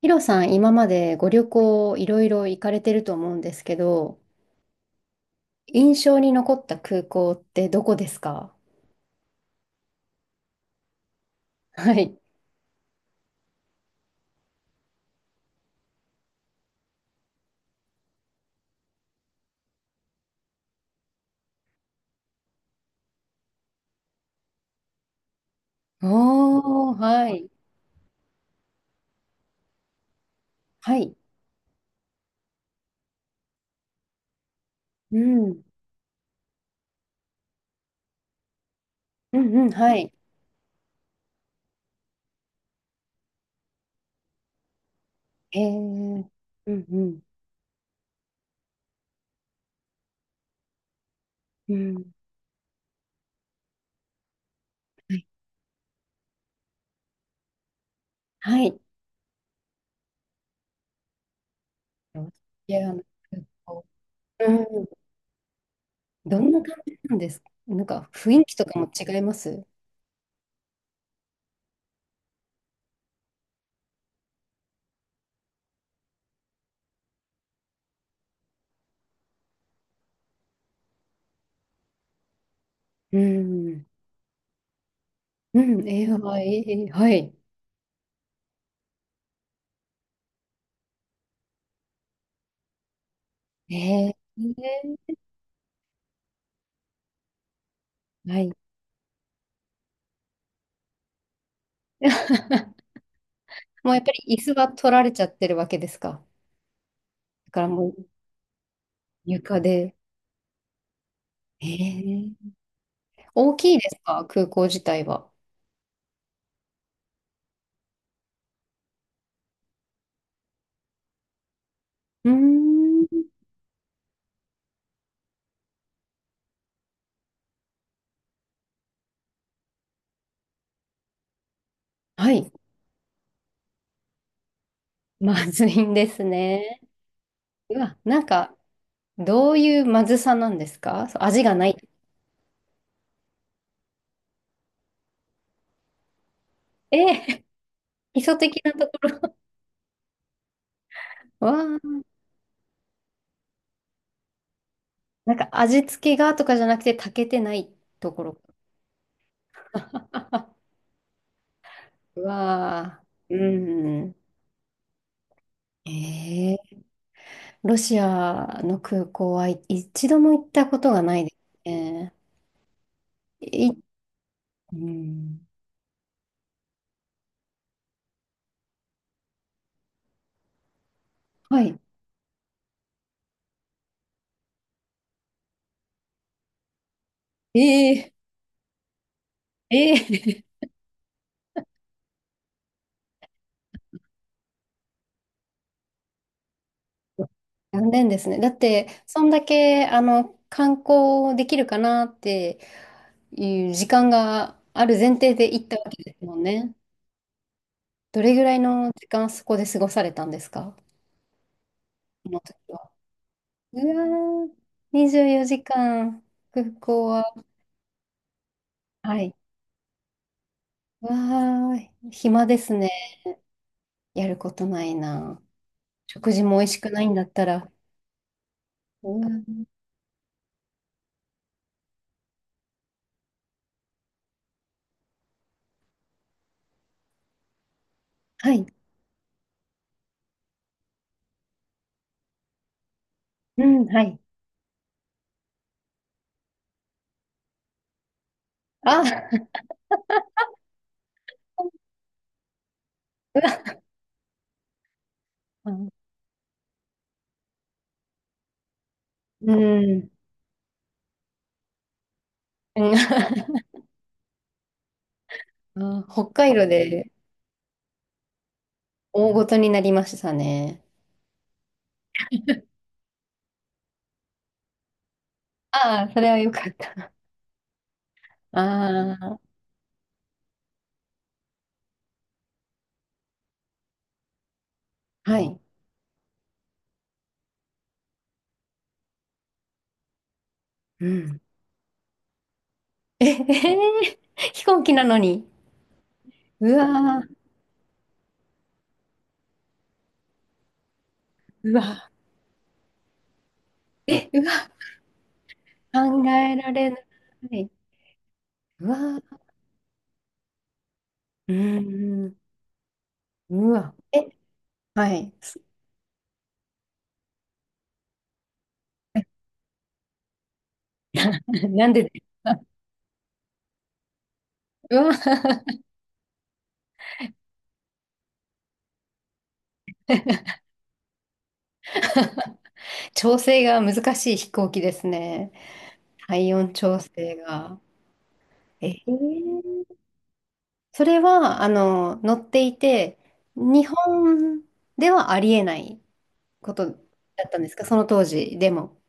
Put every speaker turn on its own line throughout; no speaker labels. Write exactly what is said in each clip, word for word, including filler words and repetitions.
ヒロさん、今までご旅行いろいろ行かれてると思うんですけど、印象に残った空港ってどこですか？ はい。おー、はい。はい。うん。うんうん、はい。えー、うんうん。うん。はい。はい。いやあの空港。うん。どんな感じなんですか？なんか雰囲気とかも違います？うん。うん。えー、はい。はい。えー、えーはい。もうやっぱり椅子は取られちゃってるわけですか？だからもう床で。えー、大きいですか、空港自体は？うーん。はい。まずいんですね。うわ、なんか、どういうまずさなんですか？そう、味がない？えー、基礎的なところ。わーなんか味付けがとかじゃなくて炊けてないところ。うわーうん。えー、ロシアの空港、はい、一度も行ったことがないですね。い、うん。はい。ええええ 残念ですね。だって、そんだけ、あの、観光できるかなっていう時間がある前提で行ったわけですもんね。どれぐらいの時間そこで過ごされたんですか？その時は。うわー、にじゅうよじかん、空港は？はい。わー、暇ですね。やることないな。食事も美味しくないんだったら。うわはい。うん、はい。あ、うん。うん。うん あ、北海道で。大ごとになりましたね。ああ、それはよかった。ああ、はい。うん。ええー、飛行機なのに。うわー、うわー。え、うわー、考えられない。うわー、うん、うわ。え、はい。なんで、うわー、調整が難しい飛行機ですね。体温調整が。えー、それは、あの、載っていて、日本ではありえないことだったんですか、その当時でも？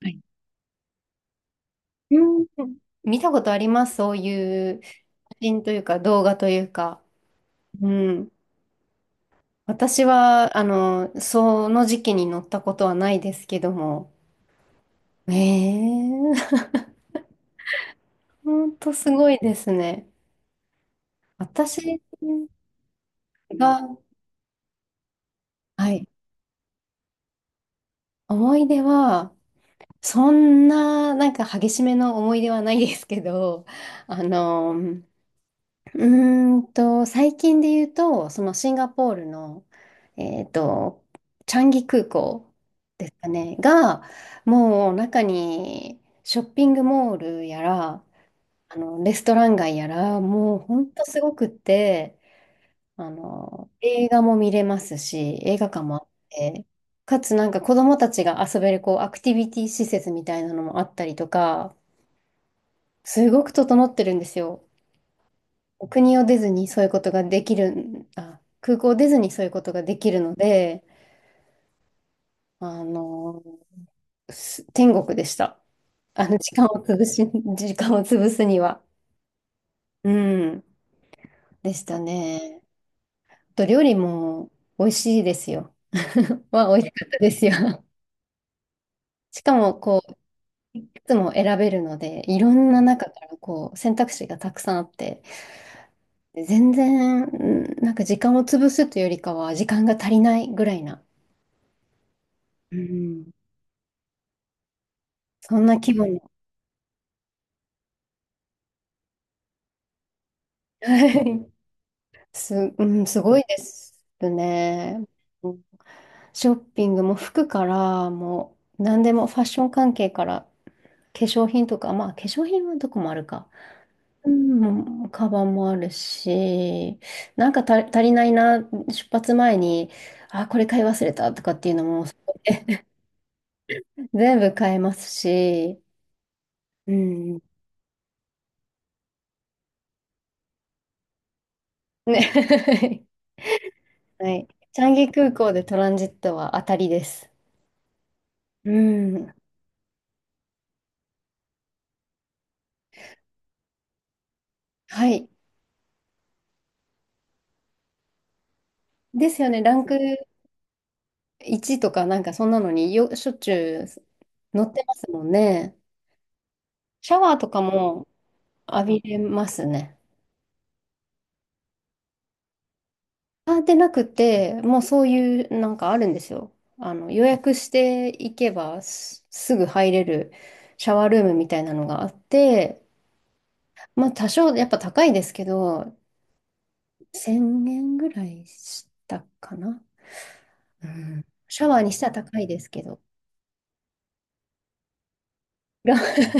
はい。うん、見たことあります、そういう写真というか、動画というか。うん。私は、あの、その時期に乗ったことはないですけども。ええ、本当すごいですね。私が、はい、思い出は、そんな、なんか激しめの思い出はないですけど、あの、うーんと、最近で言うと、そのシンガポールの、えっと、チャンギ空港ですかね、が、もう中にショッピングモールやら、あの、レストラン街やら、もうほんとすごくって、あの、映画も見れますし、映画館もあって、かつなんか子供たちが遊べるこうアクティビティ施設みたいなのもあったりとか、すごく整ってるんですよ。お国を出ずにそういうことができるん、あ、空港を出ずにそういうことができるので、あの、す天国でした。あの、時間を潰し、時間を潰すには。うん、でしたね。と料理も美味しいですよ。は美味しかったですよ。しかも、こう、つも選べるので、いろんな中からこう選択肢がたくさんあって、全然うんなんか時間を潰すというよりかは時間が足りないぐらいな、うん。そんな気分に。はい、す、うん、すごいですね。うん、ショッピングも服からもう何でもファッション関係から化粧品とか、まあ化粧品はどこもあるか。うん、カバンもあるし、なんかた足りないな、出発前に、あ、これ買い忘れたとかっていうのも全部買えますし、うん。ね。はい。チャンギ空港でトランジットは当たりです。うん。はい。ですよね。ランクワンとかなんかそんなのによ、しょっちゅう乗ってますもんね。シャワーとかも浴びれますね。あ、でなくて、もうそういうなんかあるんですよ。あの、予約していけばす、すぐ入れるシャワールームみたいなのがあって、まあ多少やっぱ高いですけど、せんえんぐらいしたかな。うん。シャワーにしたら高いですけど。が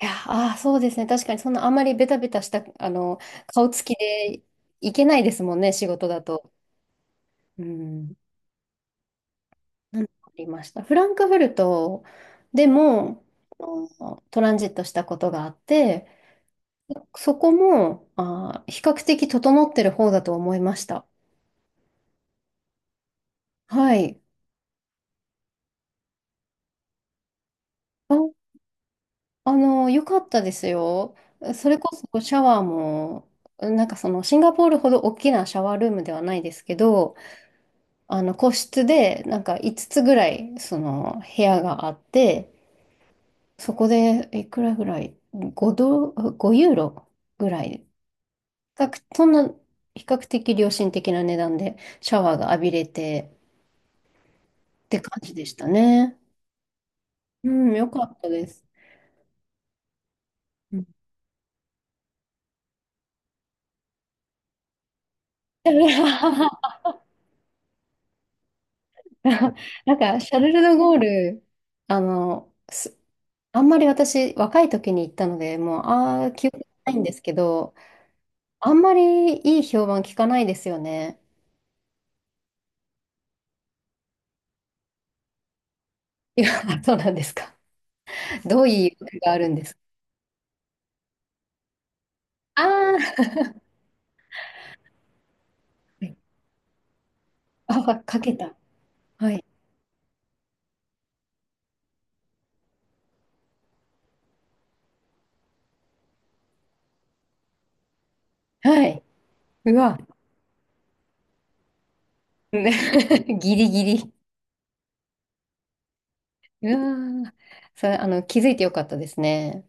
いや、ああ、そうですね。確かにそんなあまりベタベタした、あの、顔つきでいけないですもんね、仕事だと。うん。なんかありました。フランクフルトでも、あの、トランジットしたことがあって、そこもあー比較的整ってる方だと思いました。はい。あ、あの、良かったですよ。それこそシャワーも、なんかそのシンガポールほど大きなシャワールームではないですけど、あの個室でなんかいつつつぐらいその部屋があって、そこでいくらぐらい？ ご ドル、ごユーロぐらい。較、そんな比較的良心的な値段でシャワーが浴びれてって感じでしたね。うん、よかったです。うん なんか、シャルル・ド・ゴール、あの、すあんまり私、若い時に行ったので、もう、ああ、記憶ないんですけど、あんまりいい評判聞かないですよね。いや、そうなんですか。どういう意味があるんですか？あー あ、かけた。はい。はい。うわ。ね ギリギリ。うわー、それ、あの、気づいてよかったですね。